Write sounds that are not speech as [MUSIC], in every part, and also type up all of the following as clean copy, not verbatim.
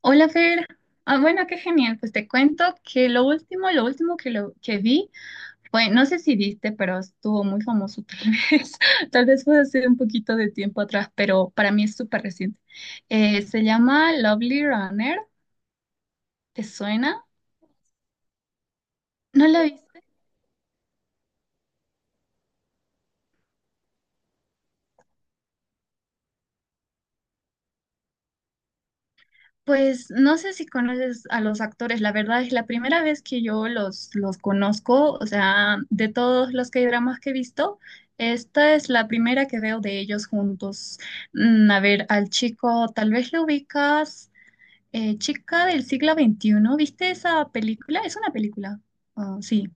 Hola Fer, ah, bueno, qué genial. Pues te cuento que lo último, que vi fue, no sé si viste, pero estuvo muy famoso [LAUGHS] vez, tal vez fue hace un poquito de tiempo atrás, pero para mí es súper reciente. Se llama Lovely Runner, ¿te suena? ¿No la viste? Pues no sé si conoces a los actores, la verdad es la primera vez que yo los conozco, o sea, de todos los K-dramas que he visto, esta es la primera que veo de ellos juntos. A ver, al chico, tal vez lo ubicas, chica del siglo 21. ¿Viste esa película? Es una película. Ah, sí.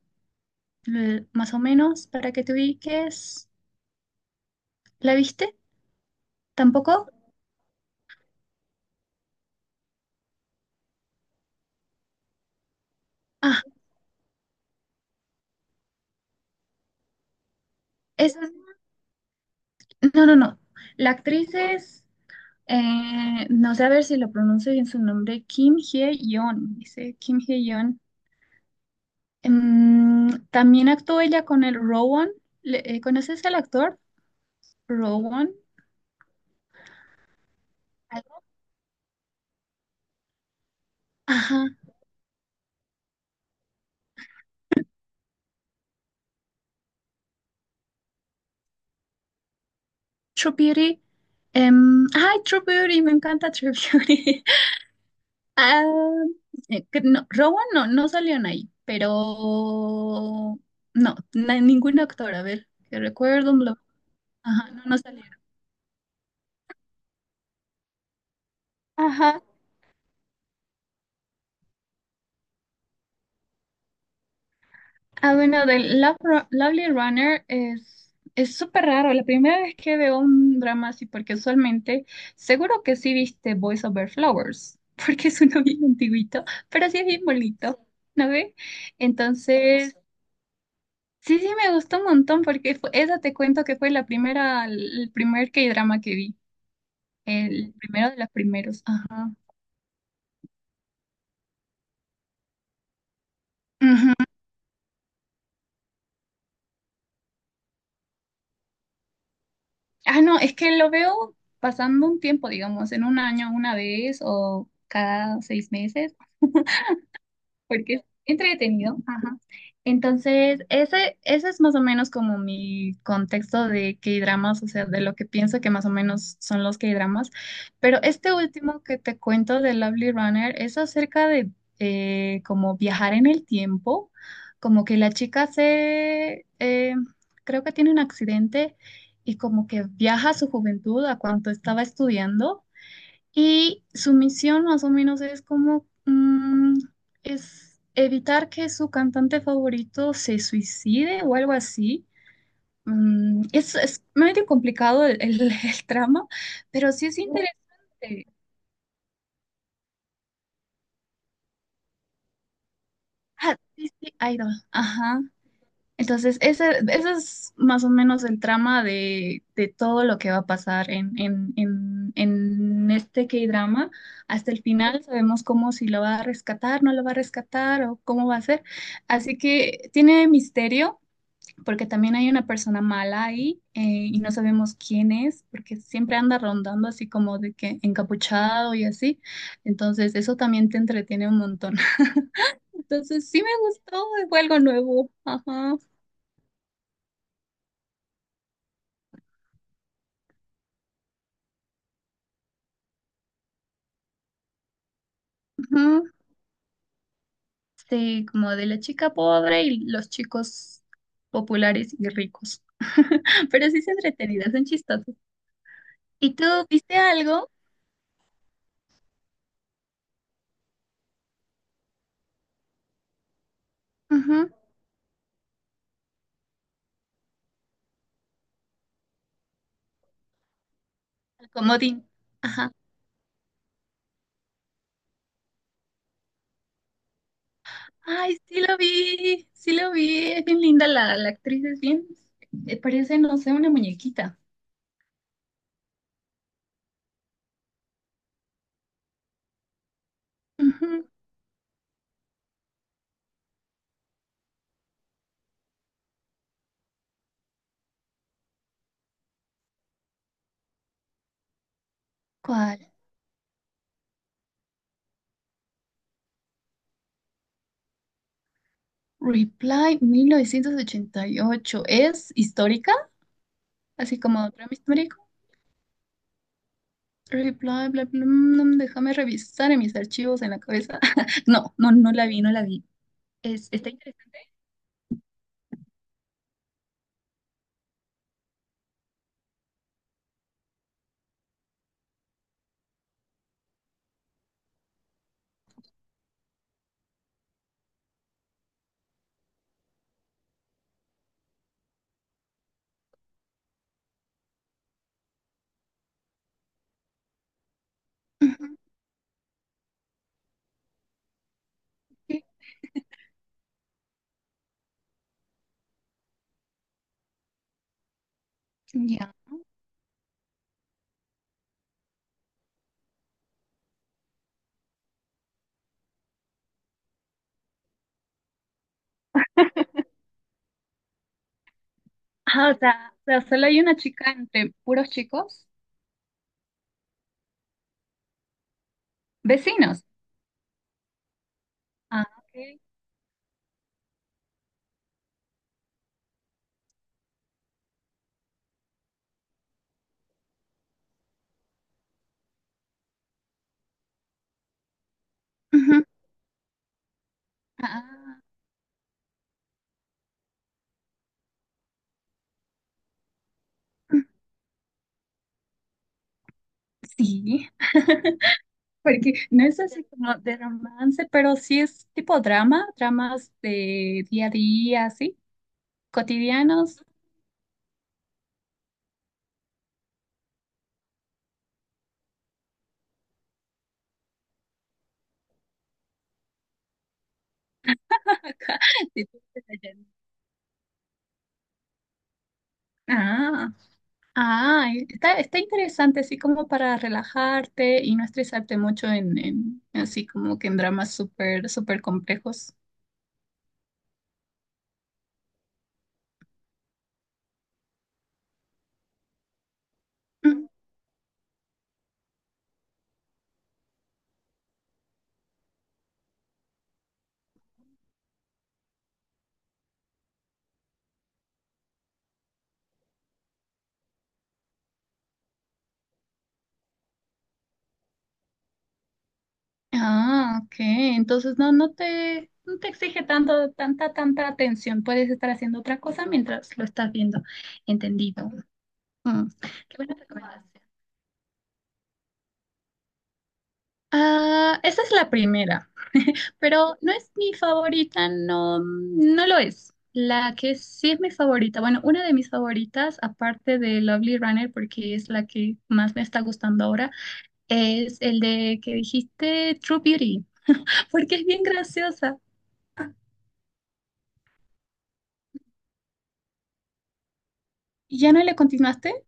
Más o menos, para que te ubiques. ¿La viste? ¿Tampoco? Ah, es, no, no, no. La actriz es. No sé a ver si lo pronuncio bien su nombre, Kim Hye-yeon, dice Kim Hye-yeon. También actuó ella con el Rowan. ¿Conoces al actor? Rowan. Algo. Ajá. True Beauty. Ay, True Beauty, me encanta True Beauty. [LAUGHS] Ah, que no, Rowan no, no salieron ahí, pero no, ningún actor, a ver, que recuerdo, ajá, no, no salieron. Ajá. Ah, bueno, del Lovely Runner es súper raro. La primera vez que veo un drama así, porque usualmente, seguro que sí viste Boys Over Flowers, [LAUGHS] porque es uno bien antiguito, pero sí es bien bonito, ¿no ve? Entonces, sí, sí me gustó un montón, porque esa te cuento que fue la primera, el primer K-drama que vi, el primero de los primeros. Ajá. Ujú. Ah, no, es que lo veo pasando un tiempo, digamos, en un año una vez o cada 6 meses, porque es entretenido. Ajá. Entonces, ese es más o menos como mi contexto de K-dramas, o sea, de lo que pienso que más o menos son los K-dramas. Pero este último que te cuento de Lovely Runner es acerca de como viajar en el tiempo, como que la chica se, creo que tiene un accidente y como que viaja a su juventud, a cuando estaba estudiando. Y su misión más o menos es como es evitar que su cantante favorito se suicide o algo así. Es medio complicado [LAUGHS] el trama, pero sí es interesante. Ah, sí, sí, Idol. Ajá. Entonces, ese es más o menos el trama de todo lo que va a pasar en este K-drama. Hasta el final sabemos cómo si lo va a rescatar, no lo va a rescatar o cómo va a ser. Así que tiene misterio, porque también hay una persona mala ahí y no sabemos quién es, porque siempre anda rondando así como de que encapuchado y así. Entonces, eso también te entretiene un montón. [LAUGHS] Entonces, sí me gustó, fue algo nuevo. Ajá. Ujú. Sí, como de la chica pobre y los chicos populares y ricos. [LAUGHS] Pero sí se entretenidas, son chistosos. ¿Y tú viste algo? Ujú. El comodín. Ajá. Ay, sí lo vi, sí lo vi. Es bien linda la actriz, es bien. Parece, no sé, una muñequita. Ujú. ¿Cuál? Reply 1988. ¿Es histórica? Así como drama histórico. El bla, bla, bla, déjame revisar en mis archivos en la cabeza. [LAUGHS] No, no, no la vi, no la vi. Está interesante. Ujú, sí. Ya. Ah, o sea, solo hay una chica entre puros chicos, vecinos. Ah, ok. Ujú. Ah, sí. [LAUGHS] Porque no es así como de romance, pero sí es tipo drama, dramas de día a día, así, cotidianos. [LAUGHS] Acá, de- Ah, Ah, e, está, está interesante, así como para relajarte y no estresarte mucho en, así como que en dramas súper, súper complejos. Mm. Ah, ok. Entonces no, no te exige tanto, tanta atención. Puedes estar haciendo otra cosa mientras lo estás viendo. Entendido. Mm. Qué buena recomendación. Ah, esa es la primera. Pero no es mi favorita, no, no lo es. La que sí es mi favorita, bueno, una de mis favoritas, aparte de Lovely Runner, porque es la que más me está gustando ahora, es el de que dijiste True Beauty, [LAUGHS] porque es bien graciosa. ¿Ya no le continuaste?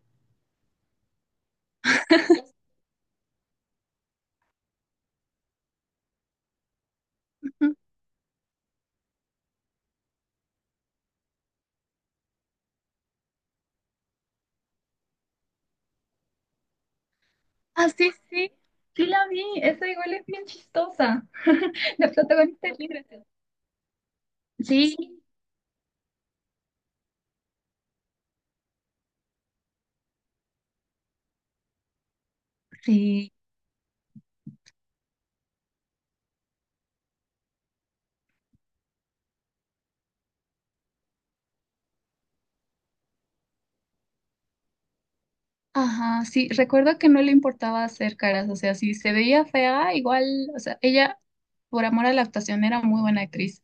Ujú. Ah, sí, sí, sí la vi, esa igual es bien chistosa. [LAUGHS] La protagonista es bien graciosa. Sí, sí. Ajá, sí, recuerdo que no le importaba hacer caras, o sea, si se veía fea, igual, o sea, ella, por amor a la actuación, era muy buena actriz,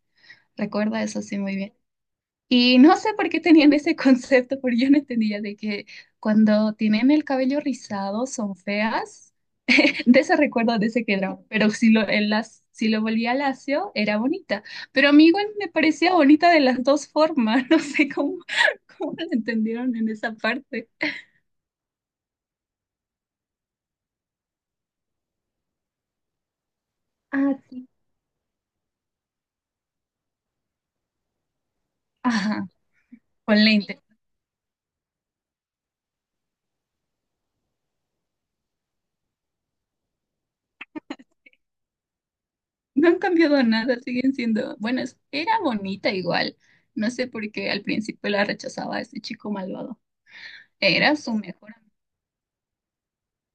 recuerda eso sí muy bien. Y no sé por qué tenían ese [LAUGHS] concepto, porque yo no entendía de que cuando tienen el cabello rizado son feas, [LAUGHS] de ese recuerdo de ese que era, pero si lo volvía lacio, era bonita, pero a mí igual me parecía bonita de las dos formas, [LAUGHS] no sé cómo lo entendieron en esa parte. Ah, sí. Ajá, con lente. No han cambiado nada, siguen siendo. Bueno, era bonita igual. No sé por qué al principio la rechazaba ese chico malvado. Era su mejor amiga.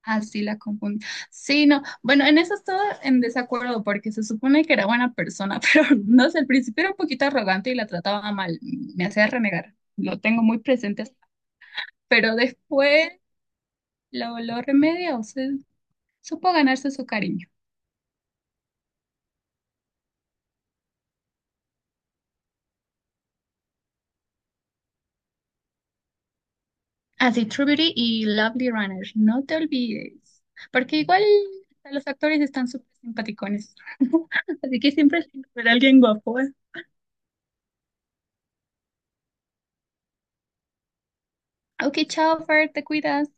Ah, sí, la confundí. Sí, no. Bueno, en eso estaba en desacuerdo porque se supone que era buena persona, [LAUGHS] pero no sé, al principio era un poquito arrogante y la trataba mal. Me hacía renegar. Lo tengo muy presente. Pero después lo remedia, o sea, supo ganarse su cariño. Así, True Beauty y Lovely Runner, no te olvides, porque igual hasta los actores están súper simpaticones, [LAUGHS] así que siempre hay alguien guapo. Ok, chao, Fer, te cuidas.